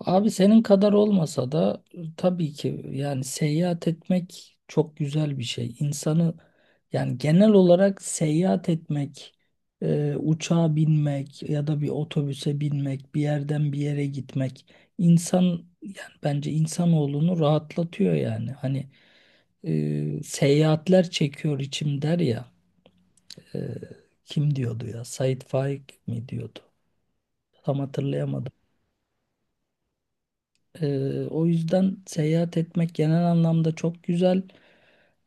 Abi senin kadar olmasa da tabii ki yani seyahat etmek çok güzel bir şey. İnsanı yani genel olarak seyahat etmek, uçağa binmek ya da bir otobüse binmek, bir yerden bir yere gitmek insan yani bence insanoğlunu rahatlatıyor yani. Hani seyahatler çekiyor içim der ya, e, kim diyordu ya, Sait Faik mi diyordu? Tam hatırlayamadım. O yüzden seyahat etmek genel anlamda çok güzel.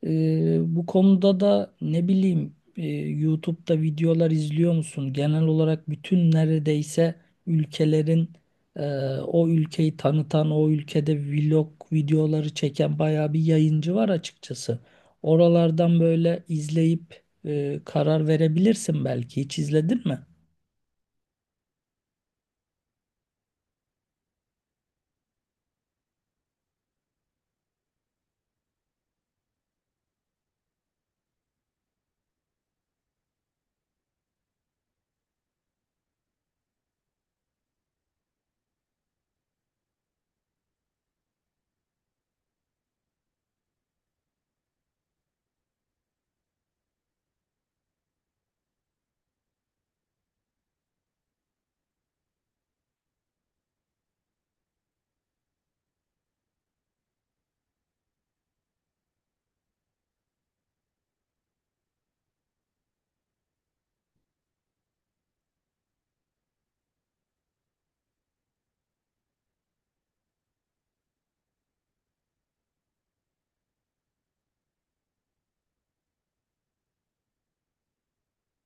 Bu konuda da ne bileyim, YouTube'da videolar izliyor musun? Genel olarak bütün neredeyse ülkelerin e, o ülkeyi tanıtan, o ülkede vlog videoları çeken bayağı bir yayıncı var açıkçası. Oralardan böyle izleyip karar verebilirsin belki. Hiç izledin mi?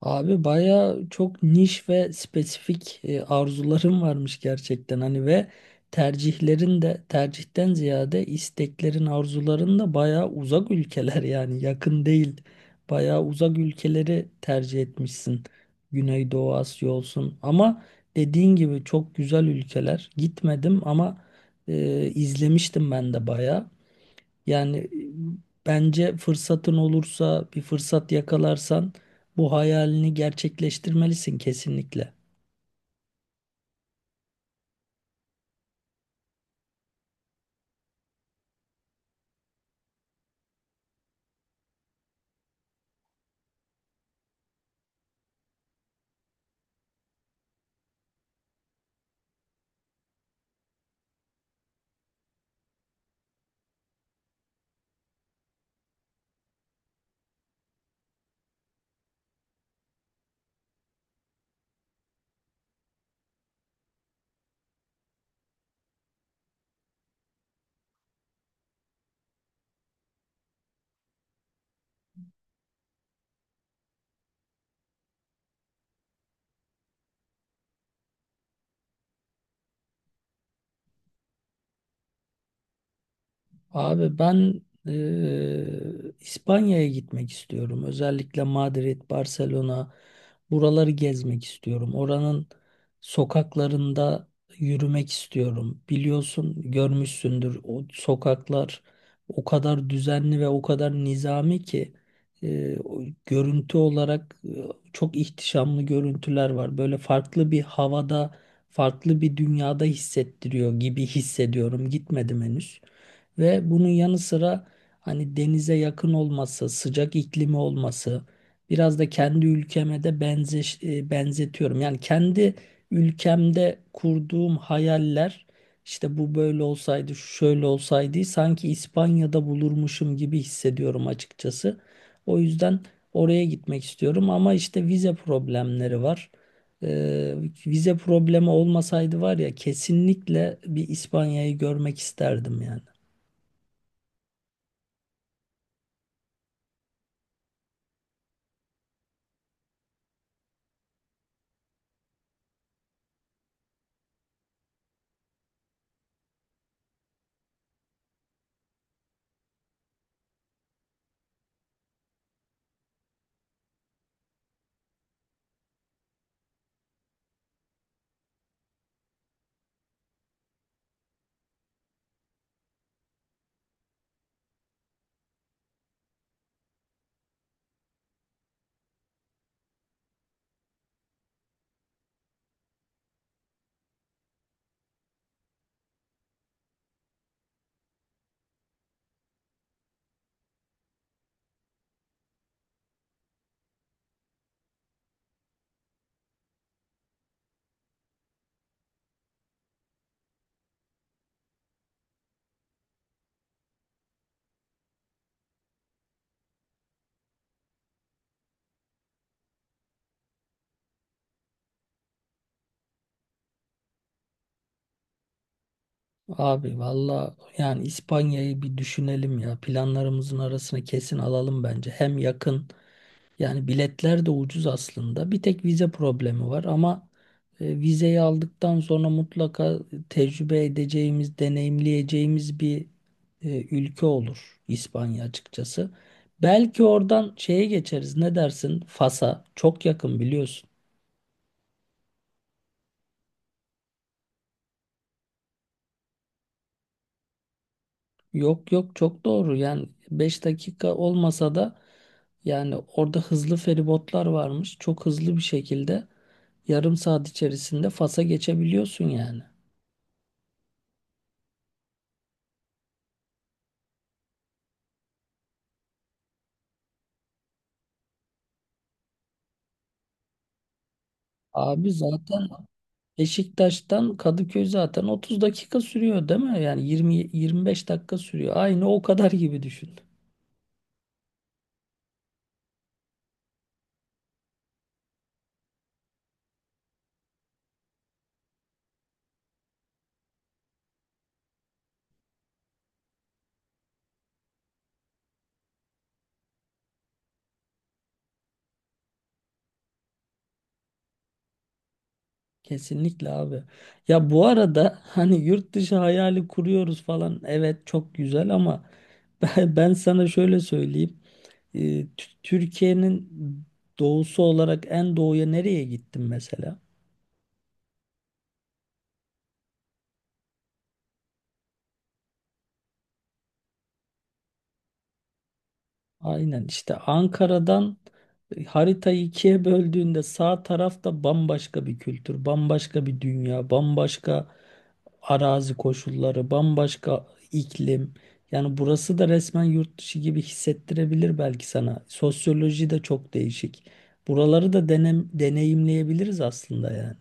Abi baya çok niş ve spesifik arzularım varmış gerçekten hani ve tercihlerin de tercihten ziyade isteklerin arzuların da baya uzak ülkeler, yani yakın değil, baya uzak ülkeleri tercih etmişsin. Güneydoğu Asya olsun ama dediğin gibi çok güzel ülkeler, gitmedim ama izlemiştim ben de baya. Yani bence fırsatın olursa, bir fırsat yakalarsan bu hayalini gerçekleştirmelisin kesinlikle. Abi ben İspanya'ya gitmek istiyorum. Özellikle Madrid, Barcelona, buraları gezmek istiyorum. Oranın sokaklarında yürümek istiyorum. Biliyorsun, görmüşsündür, o sokaklar o kadar düzenli ve o kadar nizami ki o görüntü olarak çok ihtişamlı görüntüler var. Böyle farklı bir havada, farklı bir dünyada hissettiriyor gibi hissediyorum. Gitmedim henüz. Ve bunun yanı sıra hani denize yakın olması, sıcak iklimi olması, biraz da kendi ülkeme de benzetiyorum. Yani kendi ülkemde kurduğum hayaller, işte bu böyle olsaydı, şu şöyle olsaydı, sanki İspanya'da bulurmuşum gibi hissediyorum açıkçası. O yüzden oraya gitmek istiyorum ama işte vize problemleri var. Ee, Vize problemi olmasaydı var ya, kesinlikle bir İspanya'yı görmek isterdim yani. Abi valla, yani İspanya'yı bir düşünelim ya. Planlarımızın arasına kesin alalım bence. Hem yakın, yani biletler de ucuz aslında. Bir tek vize problemi var ama vizeyi aldıktan sonra mutlaka tecrübe edeceğimiz, deneyimleyeceğimiz bir ülke olur İspanya açıkçası. Belki oradan şeye geçeriz. Ne dersin? Fas'a çok yakın biliyorsun. Yok yok, çok doğru. Yani 5 dakika olmasa da yani orada hızlı feribotlar varmış. Çok hızlı bir şekilde yarım saat içerisinde Fas'a geçebiliyorsun yani. Abi zaten Beşiktaş'tan Kadıköy zaten 30 dakika sürüyor değil mi? Yani 20 25 dakika sürüyor. Aynı o kadar gibi düşün. Kesinlikle abi. Ya bu arada hani yurt dışı hayali kuruyoruz falan. Evet çok güzel ama ben sana şöyle söyleyeyim. Türkiye'nin doğusu olarak en doğuya nereye gittim mesela? Aynen işte Ankara'dan haritayı ikiye böldüğünde sağ tarafta bambaşka bir kültür, bambaşka bir dünya, bambaşka arazi koşulları, bambaşka iklim. Yani burası da resmen yurt dışı gibi hissettirebilir belki sana. Sosyoloji de çok değişik. Buraları da denem, deneyimleyebiliriz aslında yani.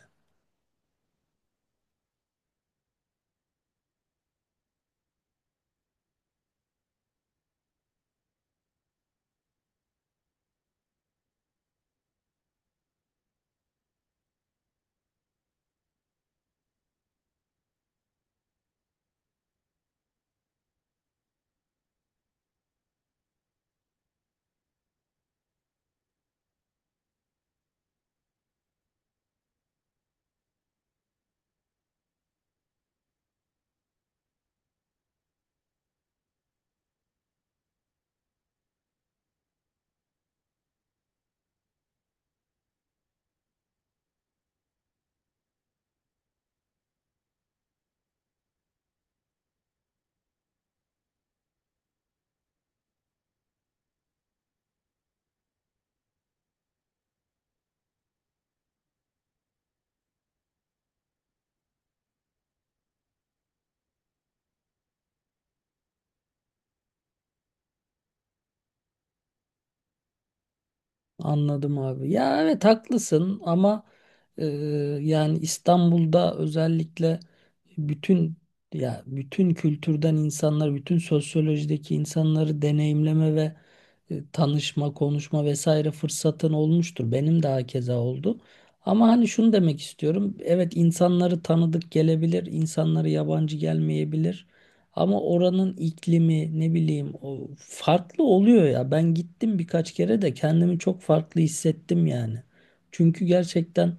Anladım abi. Ya evet haklısın ama e, yani İstanbul'da özellikle bütün, ya bütün kültürden insanlar, bütün sosyolojideki insanları deneyimleme ve tanışma, konuşma vesaire fırsatın olmuştur. Benim de hakeza oldu. Ama hani şunu demek istiyorum. Evet, insanları tanıdık gelebilir, insanları yabancı gelmeyebilir. Ama oranın iklimi ne bileyim o farklı oluyor ya. Ben gittim birkaç kere de kendimi çok farklı hissettim yani. Çünkü gerçekten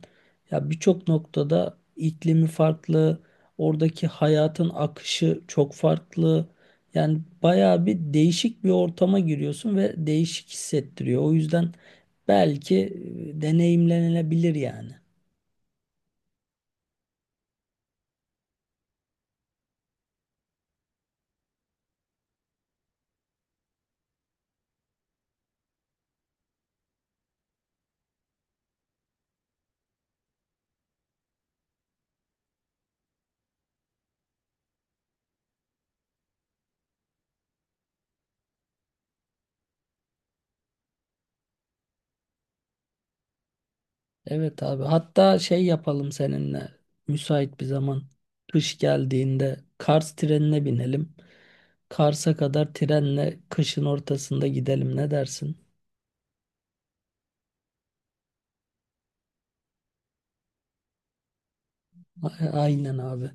ya birçok noktada iklimi farklı, oradaki hayatın akışı çok farklı. Yani bayağı bir değişik bir ortama giriyorsun ve değişik hissettiriyor. O yüzden belki deneyimlenebilir yani. Evet abi. Hatta şey yapalım seninle. Müsait bir zaman. Kış geldiğinde Kars trenine binelim. Kars'a kadar trenle kışın ortasında gidelim. Ne dersin? Aynen abi.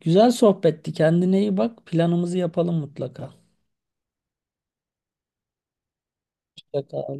Güzel sohbetti. Kendine iyi bak. Planımızı yapalım mutlaka. Mutlaka.